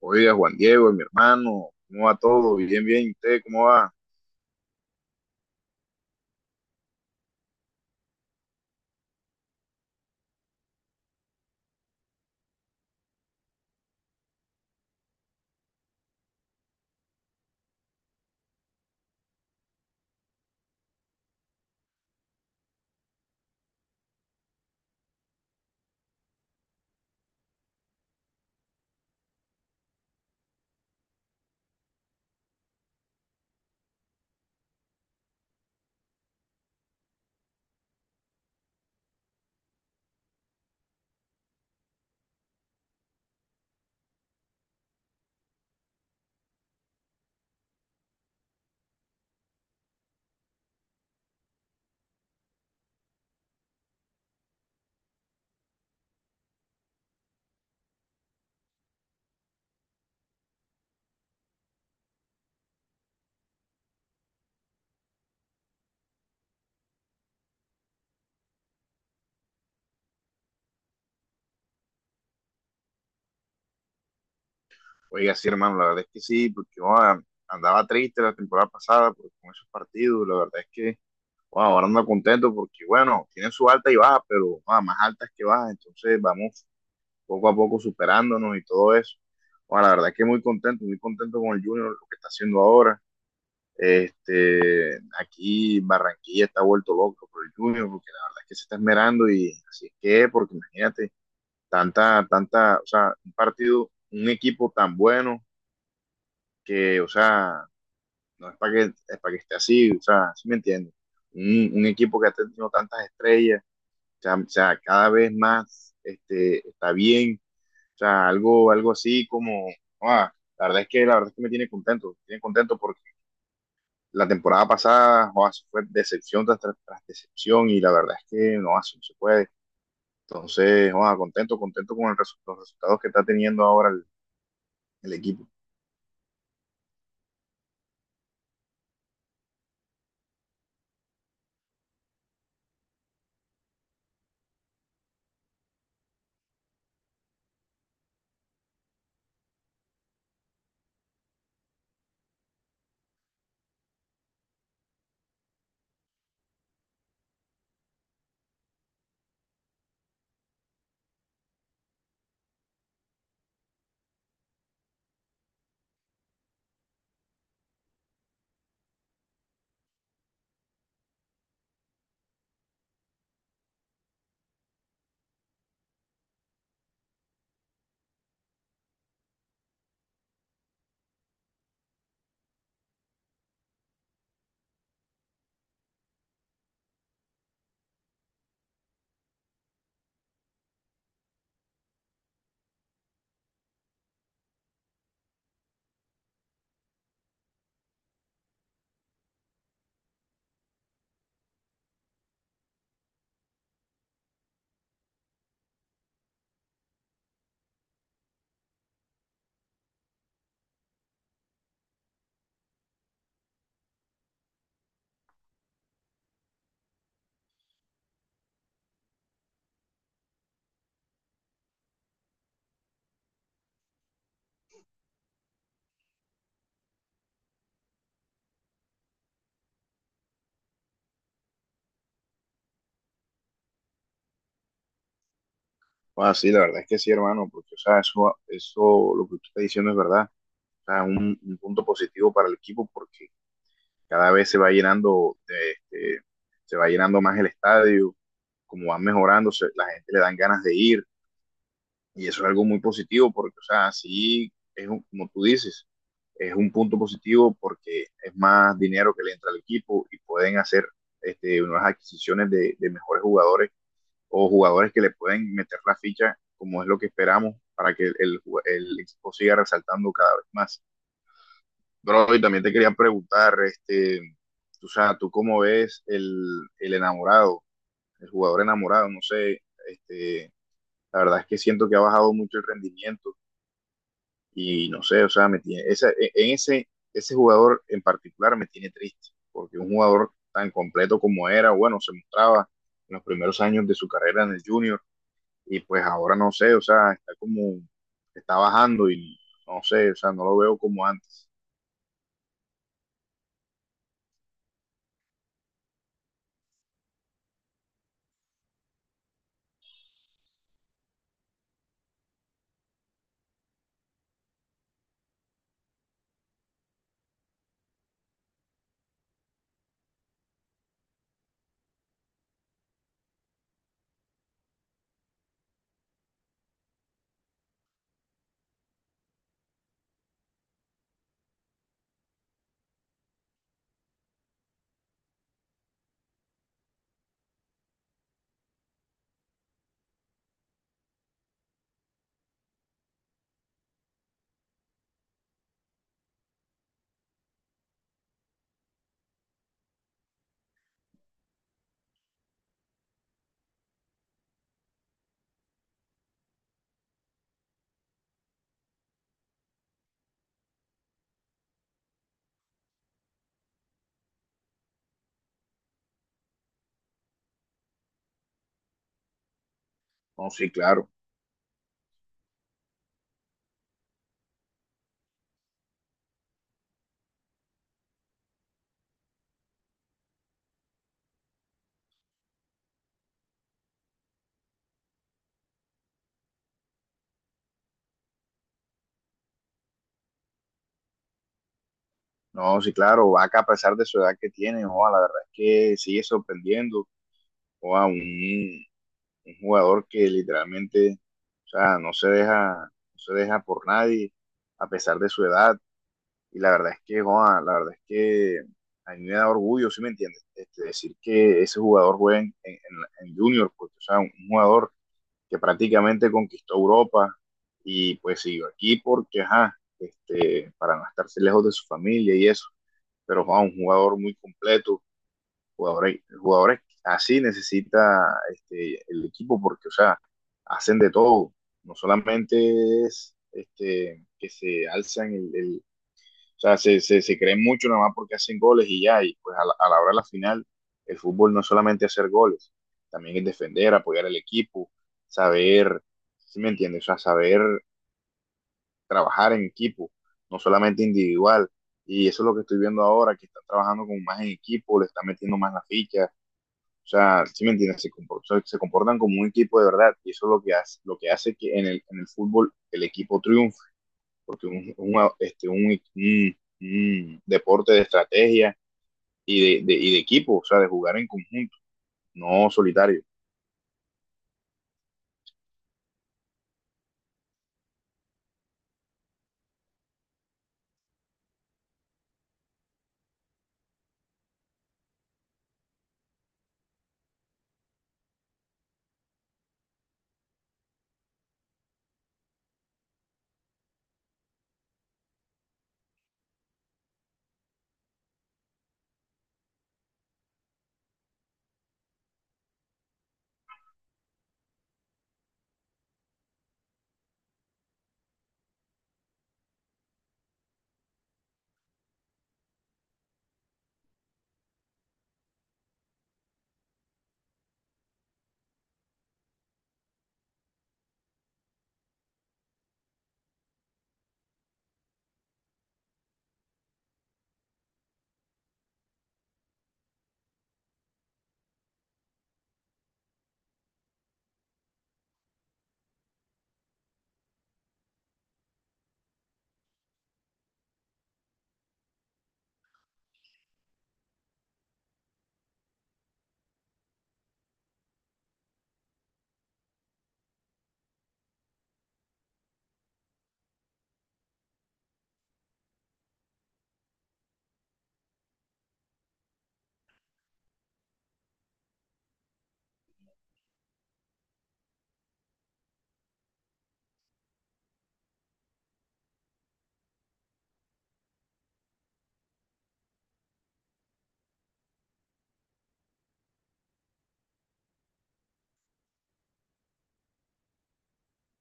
Oiga, Juan Diego, mi hermano, ¿cómo va todo? Bien, bien, ¿y usted cómo va? Oiga, sí, hermano, la verdad es que sí, porque oa, andaba triste la temporada pasada con esos partidos, la verdad es que oa, ahora ando contento porque, bueno, tienen su alta y baja, pero oa, más altas que bajas, entonces vamos poco a poco superándonos y todo eso. Oa, la verdad es que muy contento con el Junior, lo que está haciendo ahora. Este, aquí Barranquilla está vuelto loco por el Junior, porque la verdad es que se está esmerando y así es que, porque imagínate. Tanta, o sea, un partido, un equipo tan bueno que, o sea, no es para que, es para que esté así, o sea, ¿sí me entiendes? Un equipo que ha tenido tantas estrellas, o sea, cada vez más este, está bien, o sea, algo así como, ah, la verdad es que me tiene contento porque la temporada pasada joa, eso fue decepción tras decepción y la verdad es que no, así no se puede. Entonces, joa, contento, contento con el los resultados que está teniendo ahora el equipo. Ah, sí, la verdad es que sí, hermano, porque, o sea, eso, lo que tú estás diciendo es verdad. O sea, un punto positivo para el equipo porque cada vez se va llenando, este, se va llenando más el estadio, como van mejorando, se- la gente le dan ganas de ir y eso es algo muy positivo porque, o sea, sí, es como tú dices, es un punto positivo porque es más dinero que le entra al equipo y pueden hacer este, nuevas adquisiciones de mejores jugadores o jugadores que le pueden meter la ficha como es lo que esperamos para que el equipo siga resaltando cada vez más. Bro, y también te quería preguntar, este, tú, o sea, ¿tú cómo ves el enamorado, el jugador enamorado? No sé, este, la verdad es que siento que ha bajado mucho el rendimiento y no sé, o sea, me tiene, esa, e, en ese jugador en particular me tiene triste, porque un jugador tan completo como era, bueno, se mostraba en los primeros años de su carrera en el junior, y pues ahora no sé, o sea, está como, está bajando y no sé, o sea, no lo veo como antes. No, sí, claro, no, sí, claro, Vaca a pesar de su edad que tiene, o la verdad es que sigue sorprendiendo, o a un jugador que literalmente, o sea, no se deja por nadie a pesar de su edad. Y la verdad es que, joa, la verdad es que a mí me da orgullo, ¿sí me entiendes? Este, decir que ese jugador juega en Junior, porque, o sea, un jugador que prácticamente conquistó Europa y pues siguió aquí porque, ajá, este, para no estarse lejos de su familia y eso, pero Juan, un jugador muy completo, jugadores así necesita este, el equipo porque, o sea, hacen de todo, no solamente es este, que se alzan el, o sea, se creen mucho nada más porque hacen goles y ya, y pues a a la hora de la final, el fútbol no es solamente hacer goles, también es defender, apoyar al equipo, saber, si ¿sí me entiendes? O sea, saber trabajar en equipo, no solamente individual. Y eso es lo que estoy viendo ahora, que están trabajando como más en equipo, le están metiendo más la ficha, o sea, si ¿sí me entiendes? Se, comportan, se comportan como un equipo de verdad y eso es lo que, hace que en en el fútbol el equipo triunfe porque este, un deporte de estrategia y de equipo, o sea, de jugar en conjunto, no solitario.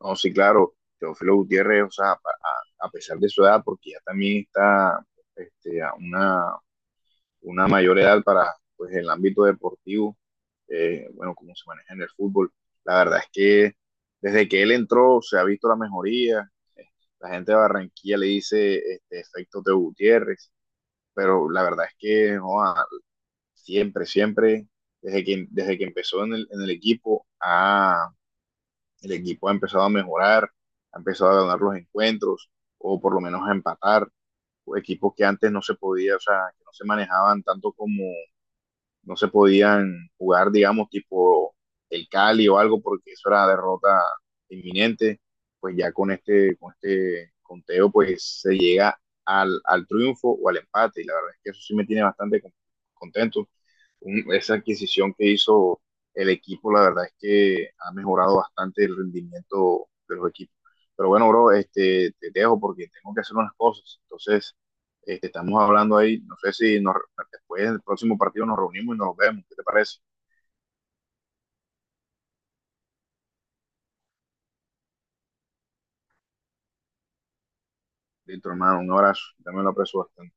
No, sí, claro, Teófilo Gutiérrez, o sea, a pesar de su edad, porque ya también está este, una mayor edad para pues, el ámbito deportivo, bueno, cómo se maneja en el fútbol, la verdad es que desde que él entró se ha visto la mejoría. La gente de Barranquilla le dice este, efecto de Gutiérrez. Pero la verdad es que joa, siempre, desde que empezó en en el equipo ha empezado a mejorar, ha empezado a ganar los encuentros, o por lo menos a empatar, o equipos que antes no se podía, o sea, que no se manejaban tanto como, no se podían jugar, digamos, tipo el Cali o algo, porque eso era derrota inminente, pues ya con este conteo, pues se llega al triunfo o al empate, y la verdad es que eso sí me tiene bastante contento un- esa adquisición que hizo el equipo, la verdad es que ha mejorado bastante el rendimiento de los equipos. Pero bueno, bro, este, te dejo porque tengo que hacer unas cosas. Entonces, este, estamos hablando ahí, no sé si nos, después del próximo partido nos reunimos y nos vemos. ¿Qué te parece? Listo, hermano, un abrazo. También lo aprecio bastante.